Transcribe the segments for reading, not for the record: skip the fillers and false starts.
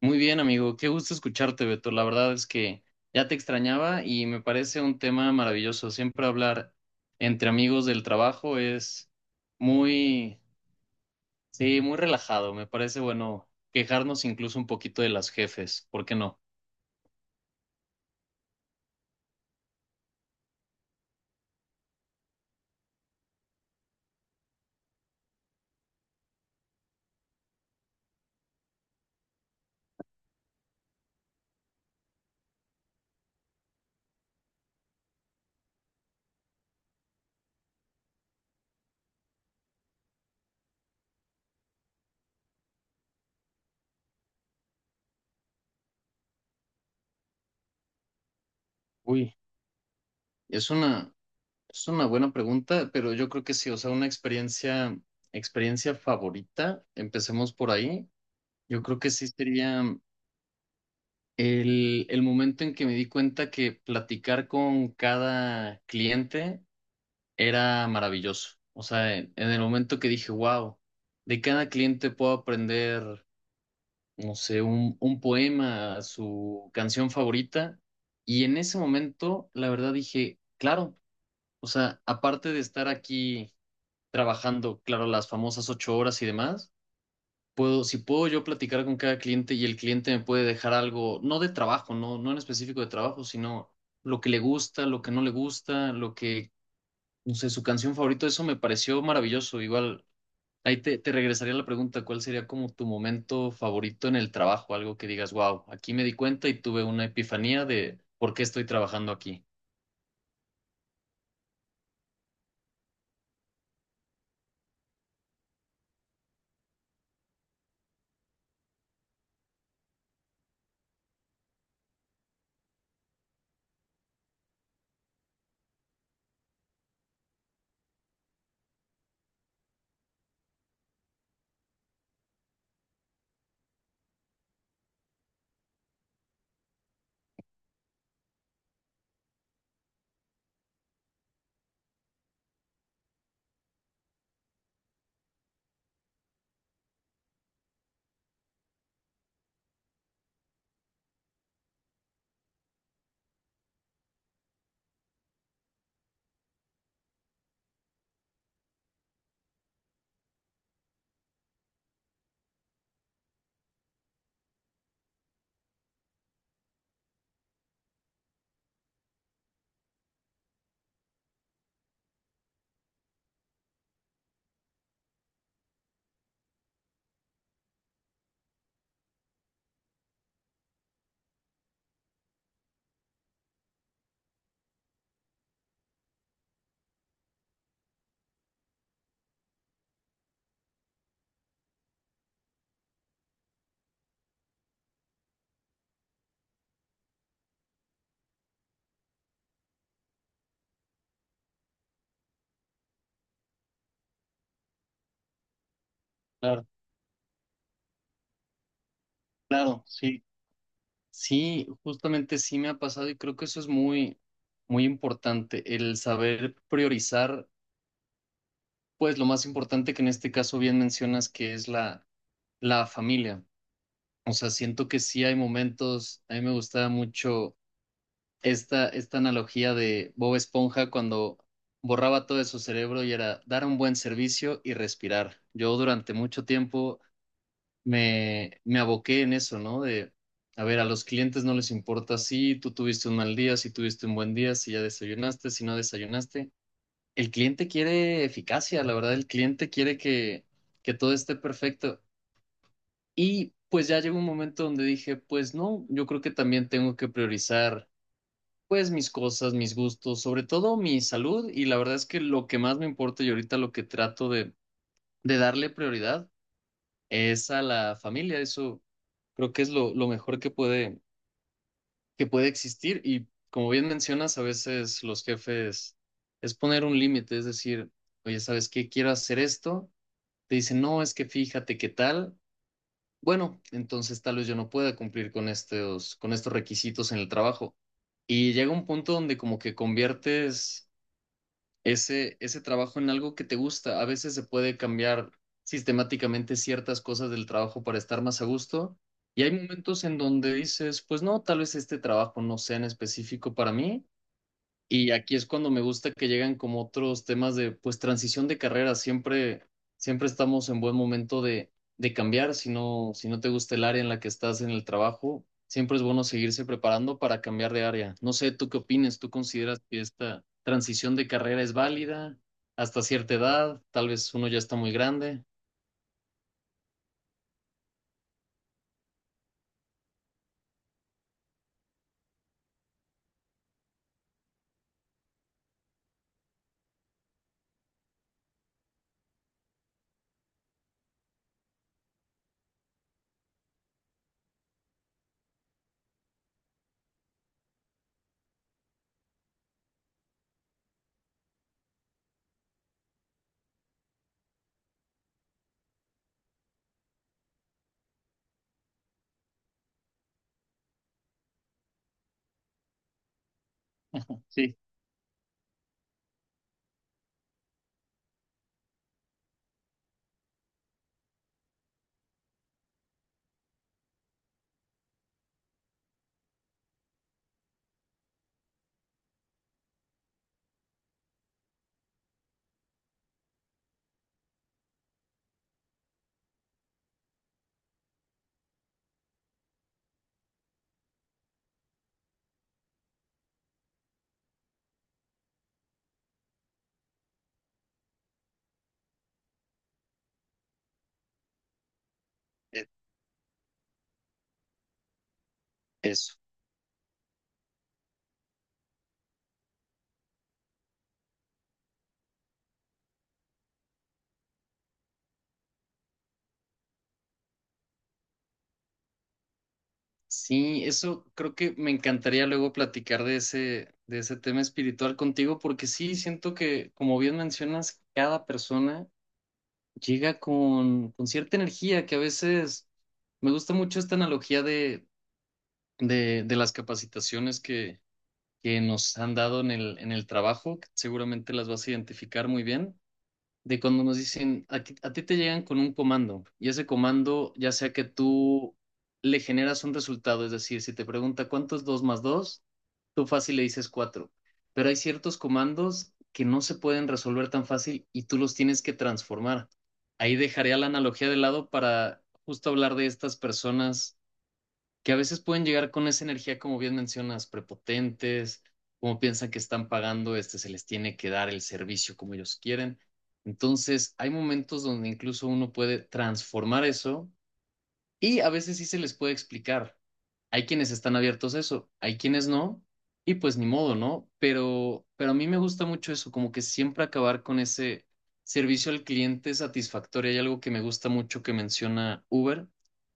Muy bien, amigo. Qué gusto escucharte, Beto. La verdad es que ya te extrañaba y me parece un tema maravilloso. Siempre hablar entre amigos del trabajo es muy, sí, muy relajado. Me parece bueno quejarnos incluso un poquito de las jefes. ¿Por qué no? Uy, es una, es una buena pregunta, pero yo creo que sí. O sea, experiencia favorita. Empecemos por ahí. Yo creo que sí sería. El momento en que me di cuenta que platicar con cada cliente era maravilloso. O sea, en el momento que dije, wow, de cada cliente puedo aprender, no sé, un poema, su canción favorita. Y en ese momento, la verdad dije, claro, o sea, aparte de estar aquí trabajando, claro, las famosas 8 horas y demás puedo, si puedo yo platicar con cada cliente y el cliente me puede dejar algo, no de trabajo, no, no en específico de trabajo, sino lo que le gusta, lo que no le gusta, lo que, no sé, su canción favorita. Eso me pareció maravilloso. Igual, te regresaría la pregunta, ¿cuál sería como tu momento favorito en el trabajo? Algo que digas, wow, aquí me di cuenta y tuve una epifanía de por qué estoy trabajando aquí. Claro, claro, sí. Sí, justamente sí me ha pasado y creo que eso es muy importante, el saber priorizar pues lo más importante, que en este caso bien mencionas que es la familia. O sea, siento que sí hay momentos, a mí me gustaba mucho esta analogía de Bob Esponja cuando borraba todo de su cerebro y era dar un buen servicio y respirar. Yo durante mucho tiempo me aboqué en eso, ¿no? De, a ver, a los clientes no les importa si tú tuviste un mal día, si tuviste un buen día, si ya desayunaste, si no desayunaste. El cliente quiere eficacia, la verdad, el cliente quiere que todo esté perfecto. Y pues ya llegó un momento donde dije, pues no, yo creo que también tengo que priorizar pues mis cosas, mis gustos, sobre todo mi salud. Y la verdad es que lo que más me importa y ahorita lo que trato de darle prioridad es a la familia. Eso creo que es lo mejor que que puede existir. Y como bien mencionas, a veces los jefes es poner un límite, es decir, oye, ¿sabes qué? Quiero hacer esto, te dicen, no, es que fíjate qué tal. Bueno, entonces tal vez yo no pueda cumplir con con estos requisitos en el trabajo. Y llega un punto donde como que conviertes ese trabajo en algo que te gusta. A veces se puede cambiar sistemáticamente ciertas cosas del trabajo para estar más a gusto. Y hay momentos en donde dices, pues no, tal vez este trabajo no sea en específico para mí. Y aquí es cuando me gusta que llegan como otros temas de, pues, transición de carrera. Siempre estamos en buen momento de cambiar. Si no, si no te gusta el área en la que estás en el trabajo, siempre es bueno seguirse preparando para cambiar de área. No sé, ¿tú qué opinas? ¿Tú consideras que esta transición de carrera es válida hasta cierta edad? Tal vez uno ya está muy grande. Sí, e- eso. Sí, eso creo que me encantaría luego platicar de de ese tema espiritual contigo, porque sí, siento que, como bien mencionas, cada persona llega con cierta energía que a veces me gusta mucho esta analogía de las capacitaciones que nos han dado en en el trabajo, que seguramente las vas a identificar muy bien de cuando nos dicen, a ti a, ti te llegan con un comando y ese comando, ya sea que tú le generas un resultado, es decir, si te pregunta cuánto es dos más dos, tú fácil le dices cuatro, pero hay ciertos comandos que no se pueden resolver tan fácil y tú los tienes que transformar. Ahí dejaría la analogía de lado para justo hablar de estas personas que a veces pueden llegar con esa energía, como bien mencionas, prepotentes, como piensan que están pagando, este, se les tiene que dar el servicio como ellos quieren. Entonces, hay momentos donde incluso uno puede transformar eso y a veces sí se les puede explicar. Hay quienes están abiertos a eso, hay quienes no, y pues ni modo, ¿no? Pero a mí me gusta mucho eso, como que siempre acabar con ese servicio al cliente satisfactorio. Hay algo que me gusta mucho que menciona Uber,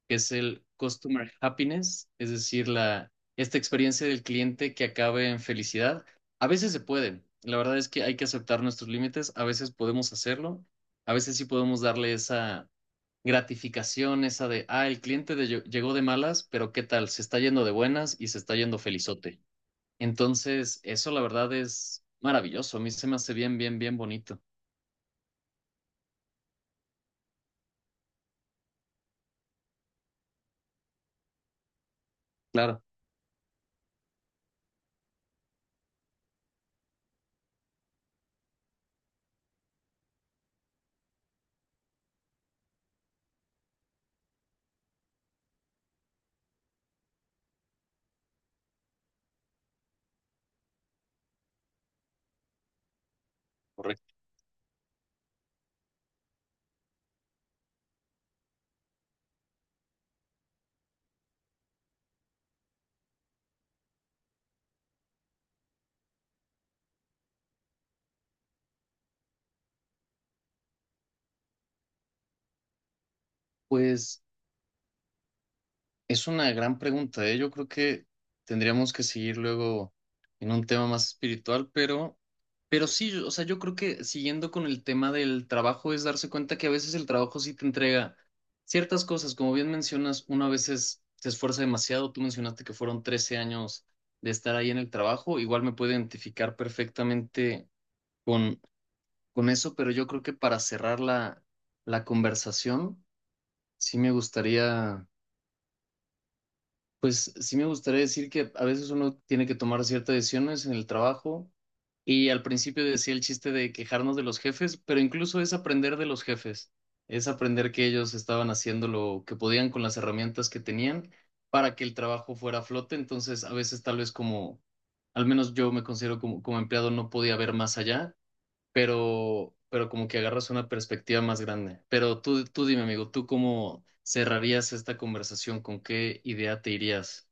que es el customer happiness, es decir, la, esta experiencia del cliente que acabe en felicidad. A veces se puede. La verdad es que hay que aceptar nuestros límites, a veces podemos hacerlo, a veces sí podemos darle esa gratificación esa de, ah, el cliente llegó de malas, pero ¿qué tal? Se está yendo de buenas y se está yendo felizote. Entonces, eso la verdad es maravilloso. A mí se me hace bien, bien, bien bonito. Claro, correcto. Pues es una gran pregunta, ¿eh? Yo creo que tendríamos que seguir luego en un tema más espiritual, pero sí, o sea, yo creo que siguiendo con el tema del trabajo es darse cuenta que a veces el trabajo sí te entrega ciertas cosas, como bien mencionas, uno a veces se esfuerza demasiado, tú mencionaste que fueron 13 años de estar ahí en el trabajo, igual me puedo identificar perfectamente con, con eso, pero yo creo que para cerrar la conversación, sí me gustaría pues sí me gustaría decir que a veces uno tiene que tomar ciertas decisiones en el trabajo y al principio decía el chiste de quejarnos de los jefes, pero incluso es aprender de los jefes, es aprender que ellos estaban haciendo lo que podían con las herramientas que tenían para que el trabajo fuera a flote, entonces a veces tal vez como, al menos yo me considero como, como empleado, no podía ver más allá, pero como que agarras una perspectiva más grande. Pero tú dime, amigo, ¿tú cómo cerrarías esta conversación? ¿Con qué idea te irías?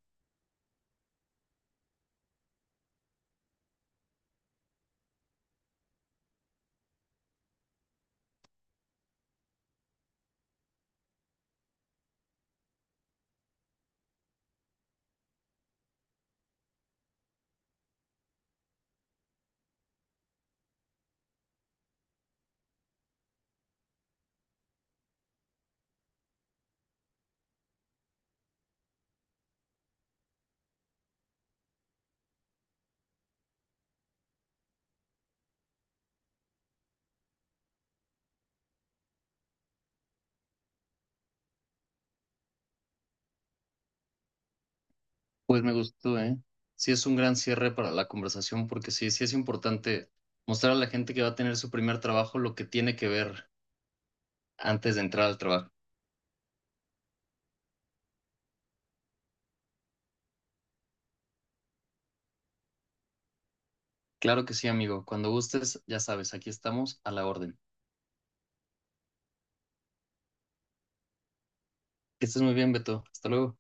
Pues me gustó, ¿eh? Sí, es un gran cierre para la conversación porque sí, sí es importante mostrar a la gente que va a tener su primer trabajo lo que tiene que ver antes de entrar al trabajo. Claro que sí, amigo. Cuando gustes, ya sabes, aquí estamos a la orden. Que estés muy bien, Beto. Hasta luego.